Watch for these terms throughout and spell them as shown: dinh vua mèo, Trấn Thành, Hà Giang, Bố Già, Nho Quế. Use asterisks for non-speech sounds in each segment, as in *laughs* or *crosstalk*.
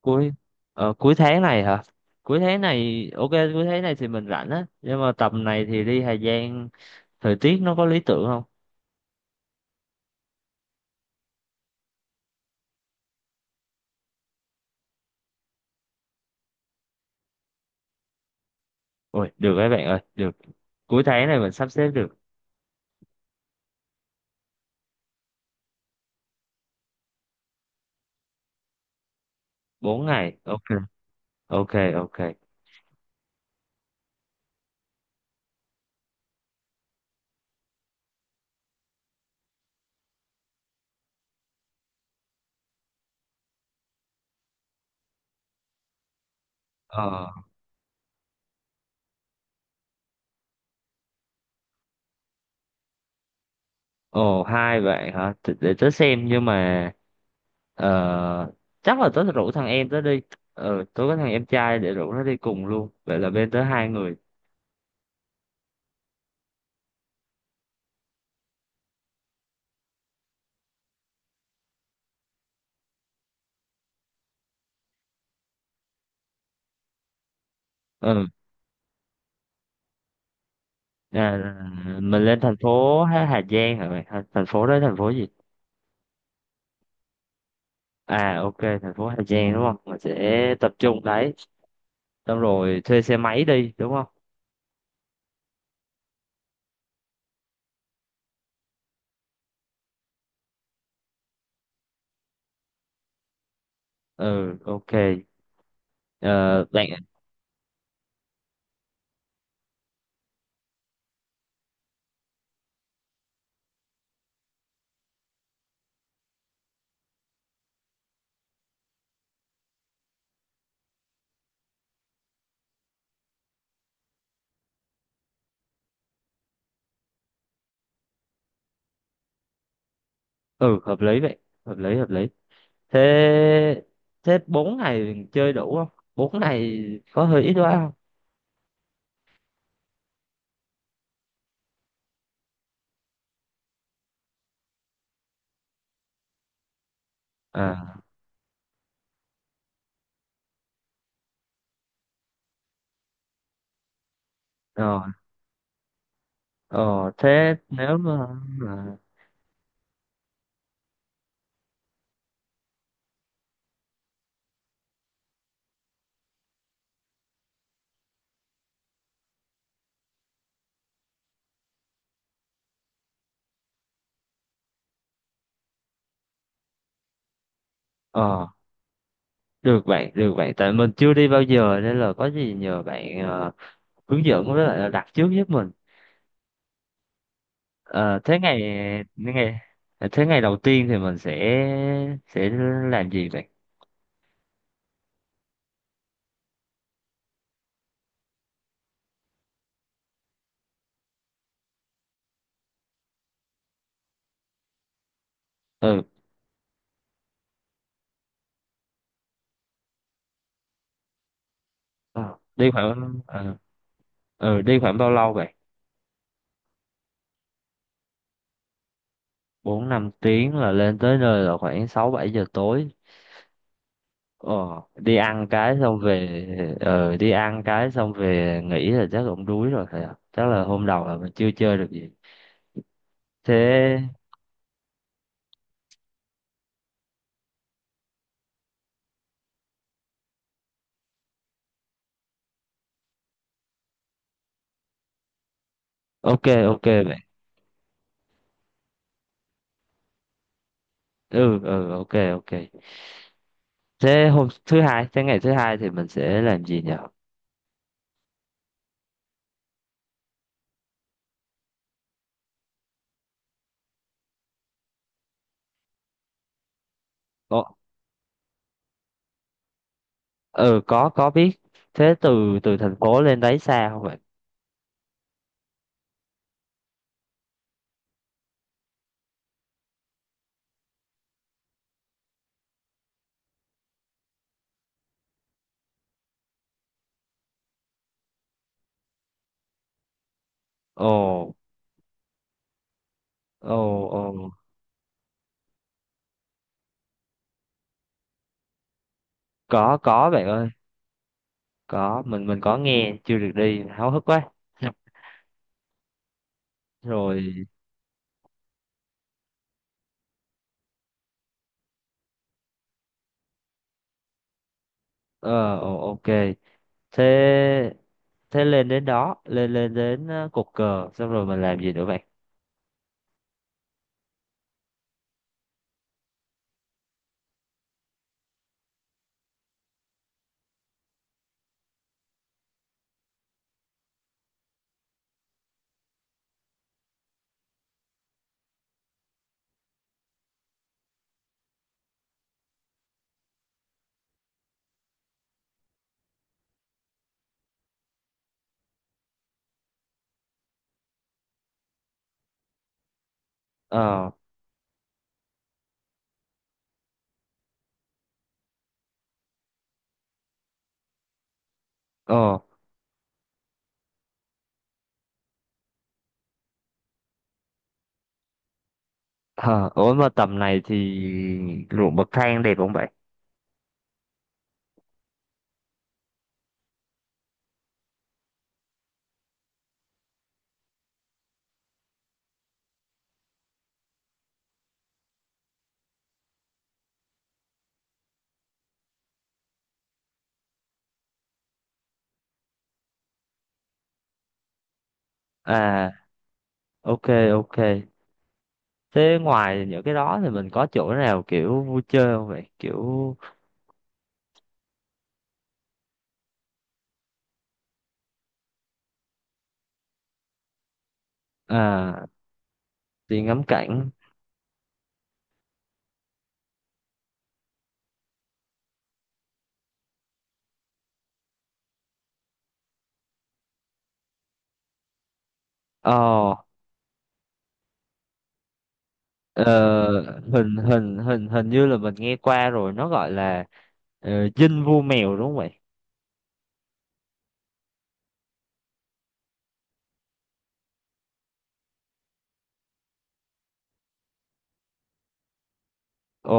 cuối cuối tháng này hả? Cuối tháng này, ok, cuối tháng này thì mình rảnh á, nhưng mà tầm này thì đi Hà Giang thời tiết nó có lý tưởng không? Ôi được, các bạn ơi, được, cuối tháng này mình sắp xếp được 4 ngày. Ok, ok, ok. ờ Ồ, hai bạn hả? Để tớ xem, nhưng mà ờ, chắc là tớ rủ thằng em tớ đi. Ừ, tớ có thằng em trai, để rủ nó đi cùng luôn, vậy là bên tớ hai người. Ừ. à, mình lên thành phố Hà Hà Giang hả mày? Thành phố đó thành phố gì? Ok, thành phố Hà Giang đúng không, mình sẽ tập trung đấy, xong rồi thuê xe máy đi đúng không? Ừ, ok. Ờ, Bạn, ừ, hợp lý vậy, hợp lý, hợp lý. Thế thế 4 ngày chơi đủ không? 4 ngày có hơi ít quá không? à Rồi. Ờ Thế nếu mà ờ được bạn, được bạn, tại mình chưa đi bao giờ nên là có gì nhờ bạn hướng dẫn, với lại là đặt trước giúp mình. Ờ, thế ngày ngày thế ngày đầu tiên thì mình sẽ làm gì vậy? Ừ. ờ, đi khoảng ờ, Đi khoảng bao lâu vậy? 4-5 tiếng là lên tới nơi là khoảng 6-7 giờ tối. Ờ, Đi ăn cái xong về nghỉ là chắc cũng đuối rồi phải không? Chắc là hôm đầu là mình chưa chơi được gì. Thế, ok, ok vậy. Ừ, ok, ok. Thế ngày thứ hai thì mình sẽ làm gì nhỉ? Ờ, ừ, có biết. Thế từ từ thành phố lên đấy xa không bạn? Ồ, ồ, ồ, có bạn ơi, có, mình có nghe, chưa được đi, háo hức quá *laughs* Dạ. Rồi. Ờ Ồ, ok. Thế thế lên đến cột cờ xong rồi mình làm gì nữa bạn? ờ ờ ờ Ủa, mà tầm này thì ruộng bậc thang đẹp không bạn? à ok, ok. Thế ngoài những cái đó thì mình có chỗ nào kiểu vui chơi không vậy, kiểu... à Đi ngắm cảnh. ờ ờ, hình hình hình hình như là mình nghe qua rồi, nó gọi là dinh vua mèo đúng không vậy? Ồ,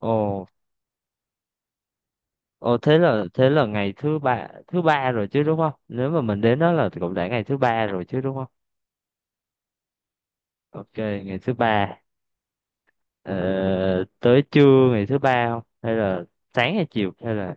ồ, ồ, thế là ngày thứ ba rồi chứ đúng không? Nếu mà mình đến đó là cũng đã ngày thứ ba rồi chứ đúng không? Ok, ngày thứ ba. ờ, Tới trưa ngày thứ ba không, hay là sáng hay chiều hay là...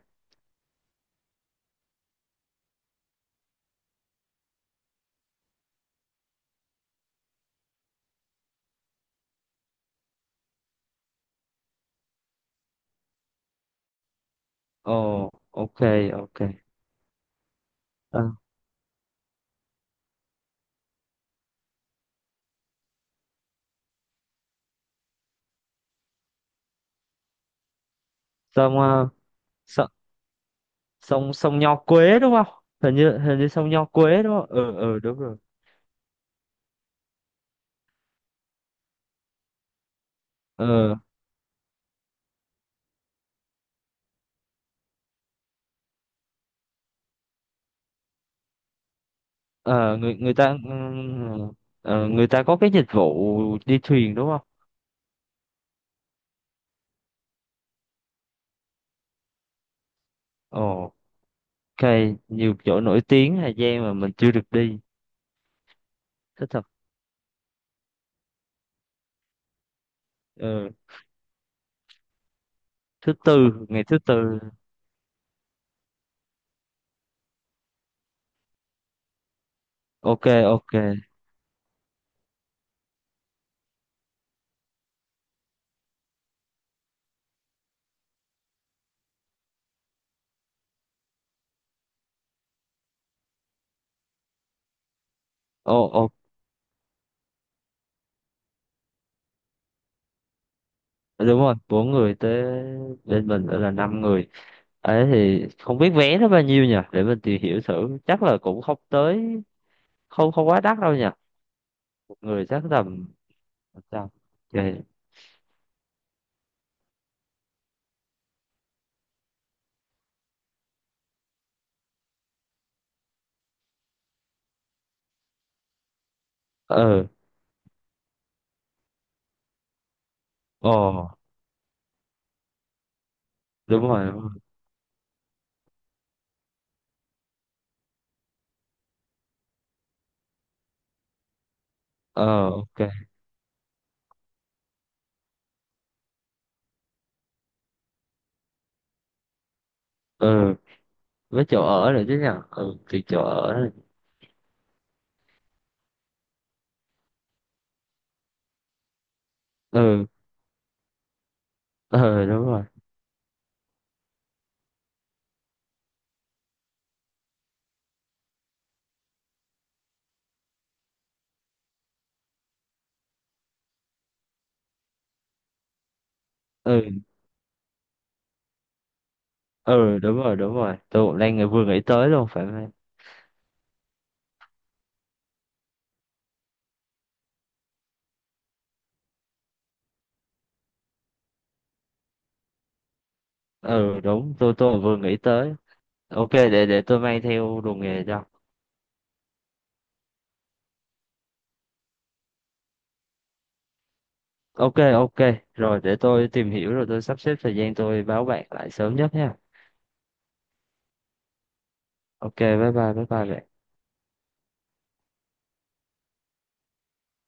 Ồ, ok, ok. Ờ, xong uh, sông sông Nho Quế đúng không? Hình như sông Nho Quế đúng không? Ừ, đúng rồi. ờ ờ, người người ta ờ, Người ta có cái dịch vụ đi thuyền đúng không? Ồ, ok. Nhiều chỗ nổi tiếng Hà Giang mà mình chưa được đi, thích thật. Ừ. thứ tư ngày thứ tư. Ok, ok. Ồ, ồ, đúng rồi, bốn người tới, bên mình nữa là năm người, ấy thì không biết vé nó bao nhiêu nhỉ, để mình tìm hiểu thử, chắc là cũng không tới, không, không quá đắt đâu nhỉ. Một người chắc tầm... sao? Okay. ờ Ồ, đúng rồi, đúng rồi. Ờ ok. Ừ, với chỗ ở nữa chứ nhở. Ừ thì chỗ ở này. ừ ừ, đúng rồi. Ừ ừ đúng rồi, đúng rồi, tôi cũng đang vừa nghĩ tới luôn, phải không em? Ừ đúng, tôi cũng vừa nghĩ tới. Ok, để tôi mang theo đồ nghề cho. Ok, ok, rồi để tôi tìm hiểu, rồi tôi sắp xếp thời gian, tôi báo bạn lại sớm nhất nha. Ok, bye bye, bye bye bạn.